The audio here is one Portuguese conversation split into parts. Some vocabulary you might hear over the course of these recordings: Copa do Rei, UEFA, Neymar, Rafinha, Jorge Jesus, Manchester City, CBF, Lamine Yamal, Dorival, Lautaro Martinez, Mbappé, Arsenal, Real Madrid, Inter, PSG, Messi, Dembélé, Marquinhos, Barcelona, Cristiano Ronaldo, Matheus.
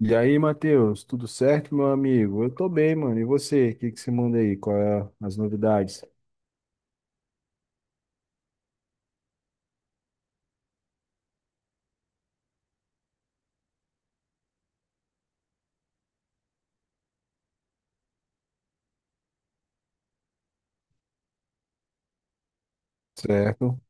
E aí, Matheus, tudo certo, meu amigo? Eu tô bem, mano. E você? O que que você manda aí? Qual é as novidades? Certo.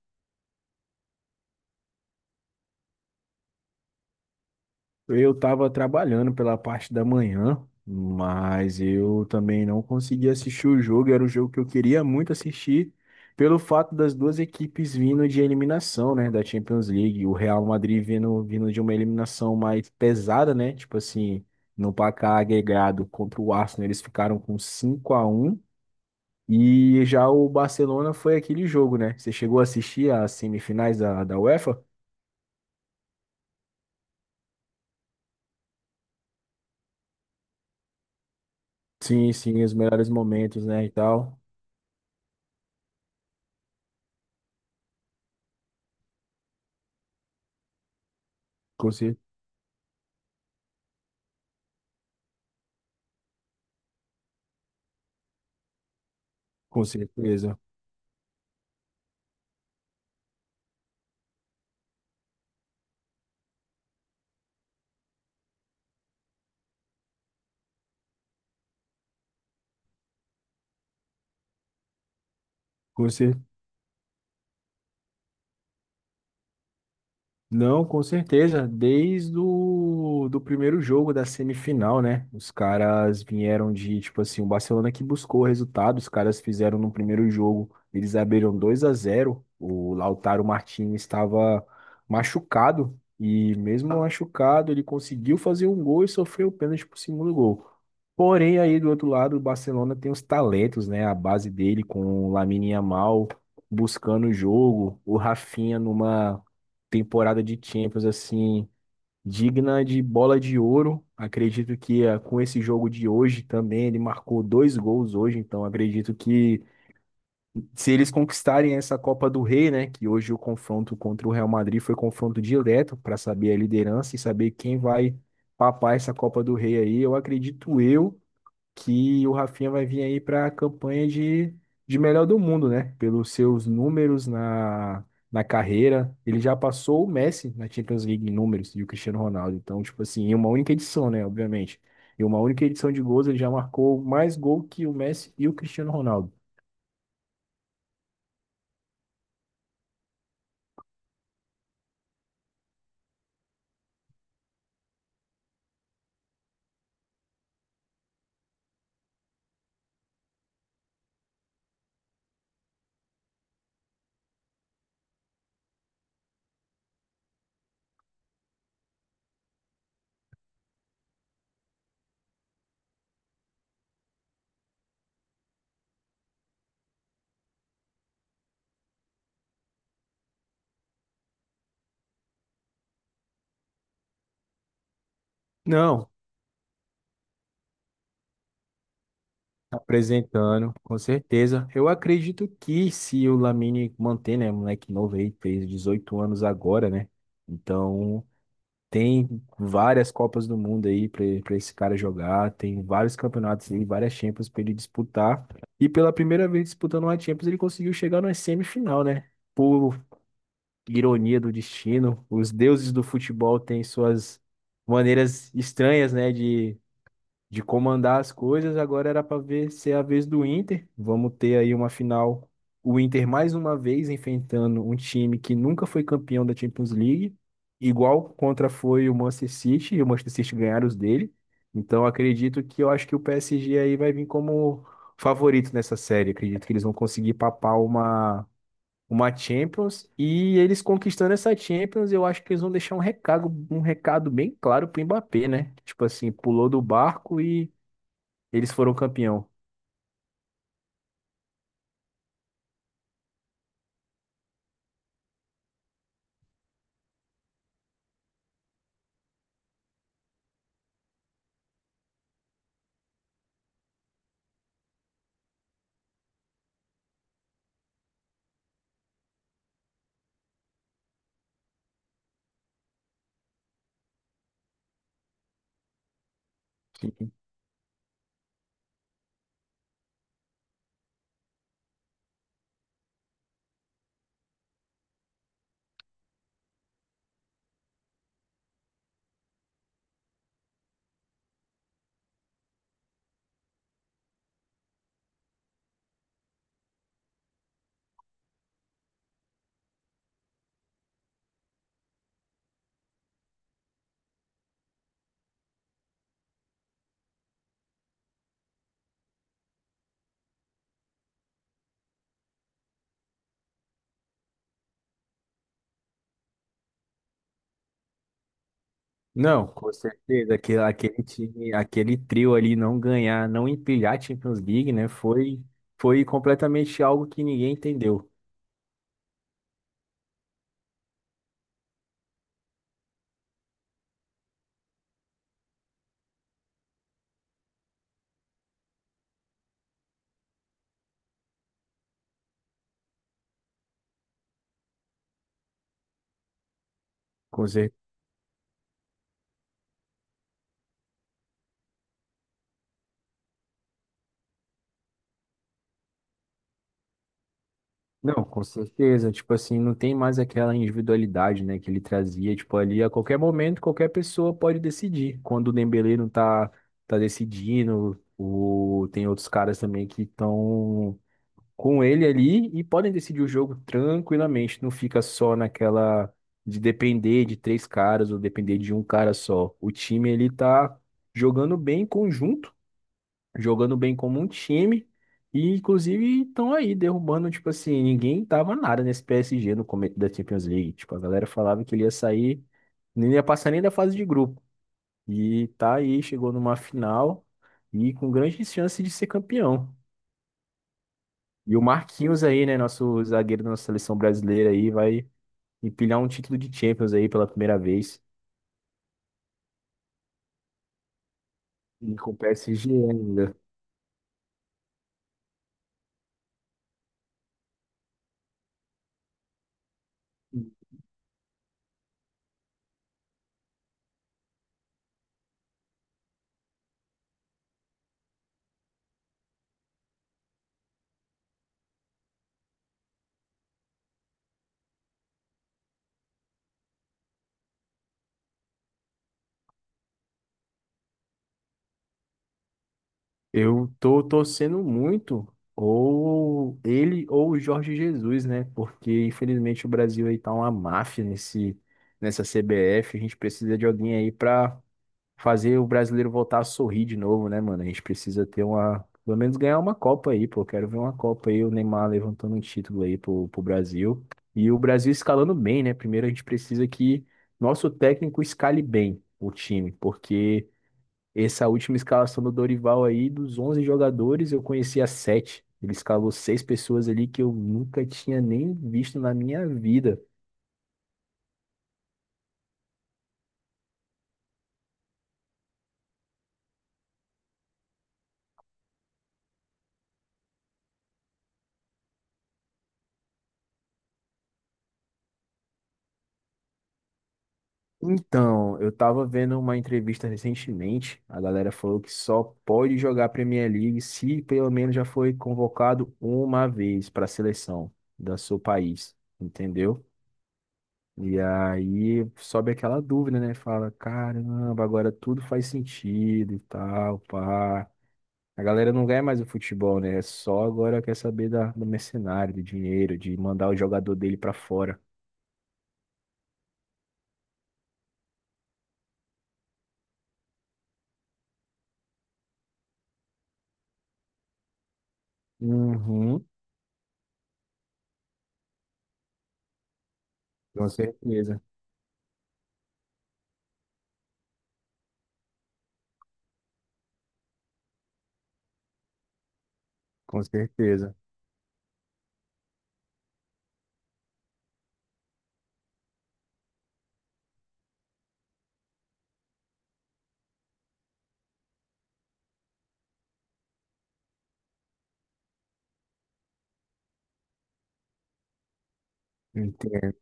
Eu tava trabalhando pela parte da manhã, mas eu também não consegui assistir o jogo. Era o jogo que eu queria muito assistir, pelo fato das duas equipes vindo de eliminação, né, da Champions League. O Real Madrid vindo de uma eliminação mais pesada, né? Tipo assim, no placar agregado contra o Arsenal, eles ficaram com 5 a um. E já o Barcelona foi aquele jogo, né? Você chegou a assistir as semifinais da UEFA? Sim, sim, os melhores momentos, né, e tal. Com, cer- com certeza. Com certeza. Não, com certeza. Desde o do primeiro jogo da semifinal, né? Os caras vieram de, tipo assim, o Barcelona que buscou o resultado. Os caras fizeram no primeiro jogo, eles abriram 2 a zero. O Lautaro Martinez estava machucado e mesmo machucado, ele conseguiu fazer um gol e sofreu o pênalti pro segundo gol. Porém, aí do outro lado, o Barcelona tem os talentos, né? A base dele com o Lamine Yamal buscando o jogo, o Rafinha numa temporada de Champions assim digna de bola de ouro. Acredito que com esse jogo de hoje também ele marcou dois gols hoje, então acredito que se eles conquistarem essa Copa do Rei, né, que hoje o confronto contra o Real Madrid foi confronto direto para saber a liderança e saber quem vai papar essa Copa do Rei aí, eu acredito eu que o Rafinha vai vir aí para a campanha de melhor do mundo, né? Pelos seus números na carreira. Ele já passou o Messi na Champions League em números e o Cristiano Ronaldo. Então, tipo assim, em uma única edição, né? Obviamente. Em uma única edição de gols, ele já marcou mais gol que o Messi e o Cristiano Ronaldo. Não. Apresentando, com certeza. Eu acredito que se o Lamine manter, né, moleque novo aí, fez 18 anos agora, né? Então, tem várias Copas do Mundo aí para esse cara jogar, tem vários campeonatos aí, várias Champions para ele disputar. E pela primeira vez disputando uma Champions, ele conseguiu chegar na semifinal, né? Por ironia do destino, os deuses do futebol têm suas maneiras estranhas, né, de comandar as coisas, agora era para ver se é a vez do Inter. Vamos ter aí uma final. O Inter mais uma vez enfrentando um time que nunca foi campeão da Champions League, igual contra foi o Manchester City, e o Manchester City ganharam os dele. Então acredito que eu acho que o PSG aí vai vir como favorito nessa série. Acredito que eles vão conseguir papar uma Champions e eles conquistando essa Champions, eu acho que eles vão deixar um recado bem claro pro Mbappé, né? Tipo assim, pulou do barco e eles foram campeão. Que- Não, com certeza. Aquele time, aquele trio ali não ganhar, não empilhar a Champions League, né? Foi completamente algo que ninguém entendeu. Com cer- Não, com certeza. Tipo assim, não tem mais aquela individualidade, né, que ele trazia. Tipo, ali a qualquer momento, qualquer pessoa pode decidir. Quando o Dembélé não tá decidindo, o, tem outros caras também que estão com ele ali e podem decidir o jogo tranquilamente. Não fica só naquela de depender de três caras ou depender de um cara só. O time ele tá jogando bem em conjunto, jogando bem como um time. E inclusive estão aí derrubando, tipo assim, ninguém tava nada nesse PSG no começo da Champions League. Tipo, a galera falava que ele ia sair, nem ia passar nem da fase de grupo. E tá aí, chegou numa final e com grandes chances de ser campeão. E o Marquinhos aí, né? Nosso zagueiro da nossa seleção brasileira aí, vai empilhar um título de Champions aí pela primeira vez. E com o PSG ainda. Eu tô torcendo muito ou ele ou o Jorge Jesus, né? Porque infelizmente o Brasil aí tá uma máfia nesse nessa CBF, a gente precisa de alguém aí para fazer o brasileiro voltar a sorrir de novo, né, mano? A gente precisa ter uma. Pelo menos ganhar uma Copa aí, pô. Quero ver uma Copa aí, o Neymar levantando um título aí pro Brasil. E o Brasil escalando bem, né? Primeiro a gente precisa que nosso técnico escale bem o time, porque essa última escalação do Dorival aí, dos 11 jogadores, eu conhecia 7. Ele escalou 6 pessoas ali que eu nunca tinha nem visto na minha vida. Então, eu tava vendo uma entrevista recentemente, a galera falou que só pode jogar Premier League se pelo menos já foi convocado uma vez para a seleção do seu país, entendeu? E aí sobe aquela dúvida, né? Fala, caramba, agora tudo faz sentido e tal, pá. A galera não ganha mais o futebol, né? É só agora quer saber da, do mercenário, do dinheiro, de mandar o jogador dele para fora. Uhum, com certeza, com certeza. Então,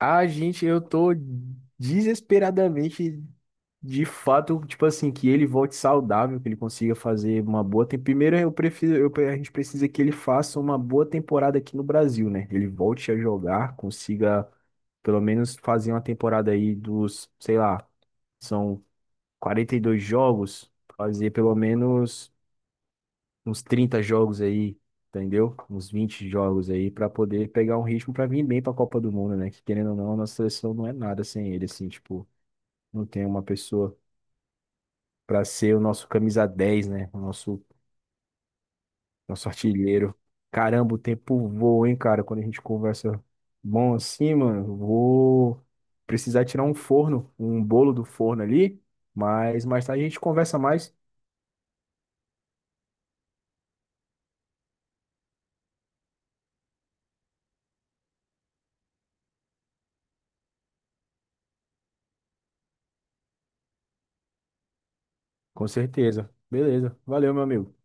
Eu tô desesperadamente, de fato, tipo assim, que ele volte saudável, que ele consiga fazer uma boa. Primeiro, a gente precisa que ele faça uma boa temporada aqui no Brasil, né? Ele volte a jogar, consiga pelo menos fazer uma temporada aí dos, sei lá, são 42 jogos, fazer pelo menos uns 30 jogos aí, entendeu? Uns 20 jogos aí pra poder pegar um ritmo pra vir bem pra Copa do Mundo, né? Que querendo ou não, a nossa seleção não é nada sem ele, assim, tipo, não tem uma pessoa pra ser o nosso camisa 10 né? Nosso artilheiro. Caramba, o tempo voa, hein, cara? Quando a gente conversa bom assim, mano, vou precisar tirar um forno, um bolo do forno ali, mas mais tarde a gente conversa mais, com certeza. Beleza, valeu, meu amigo.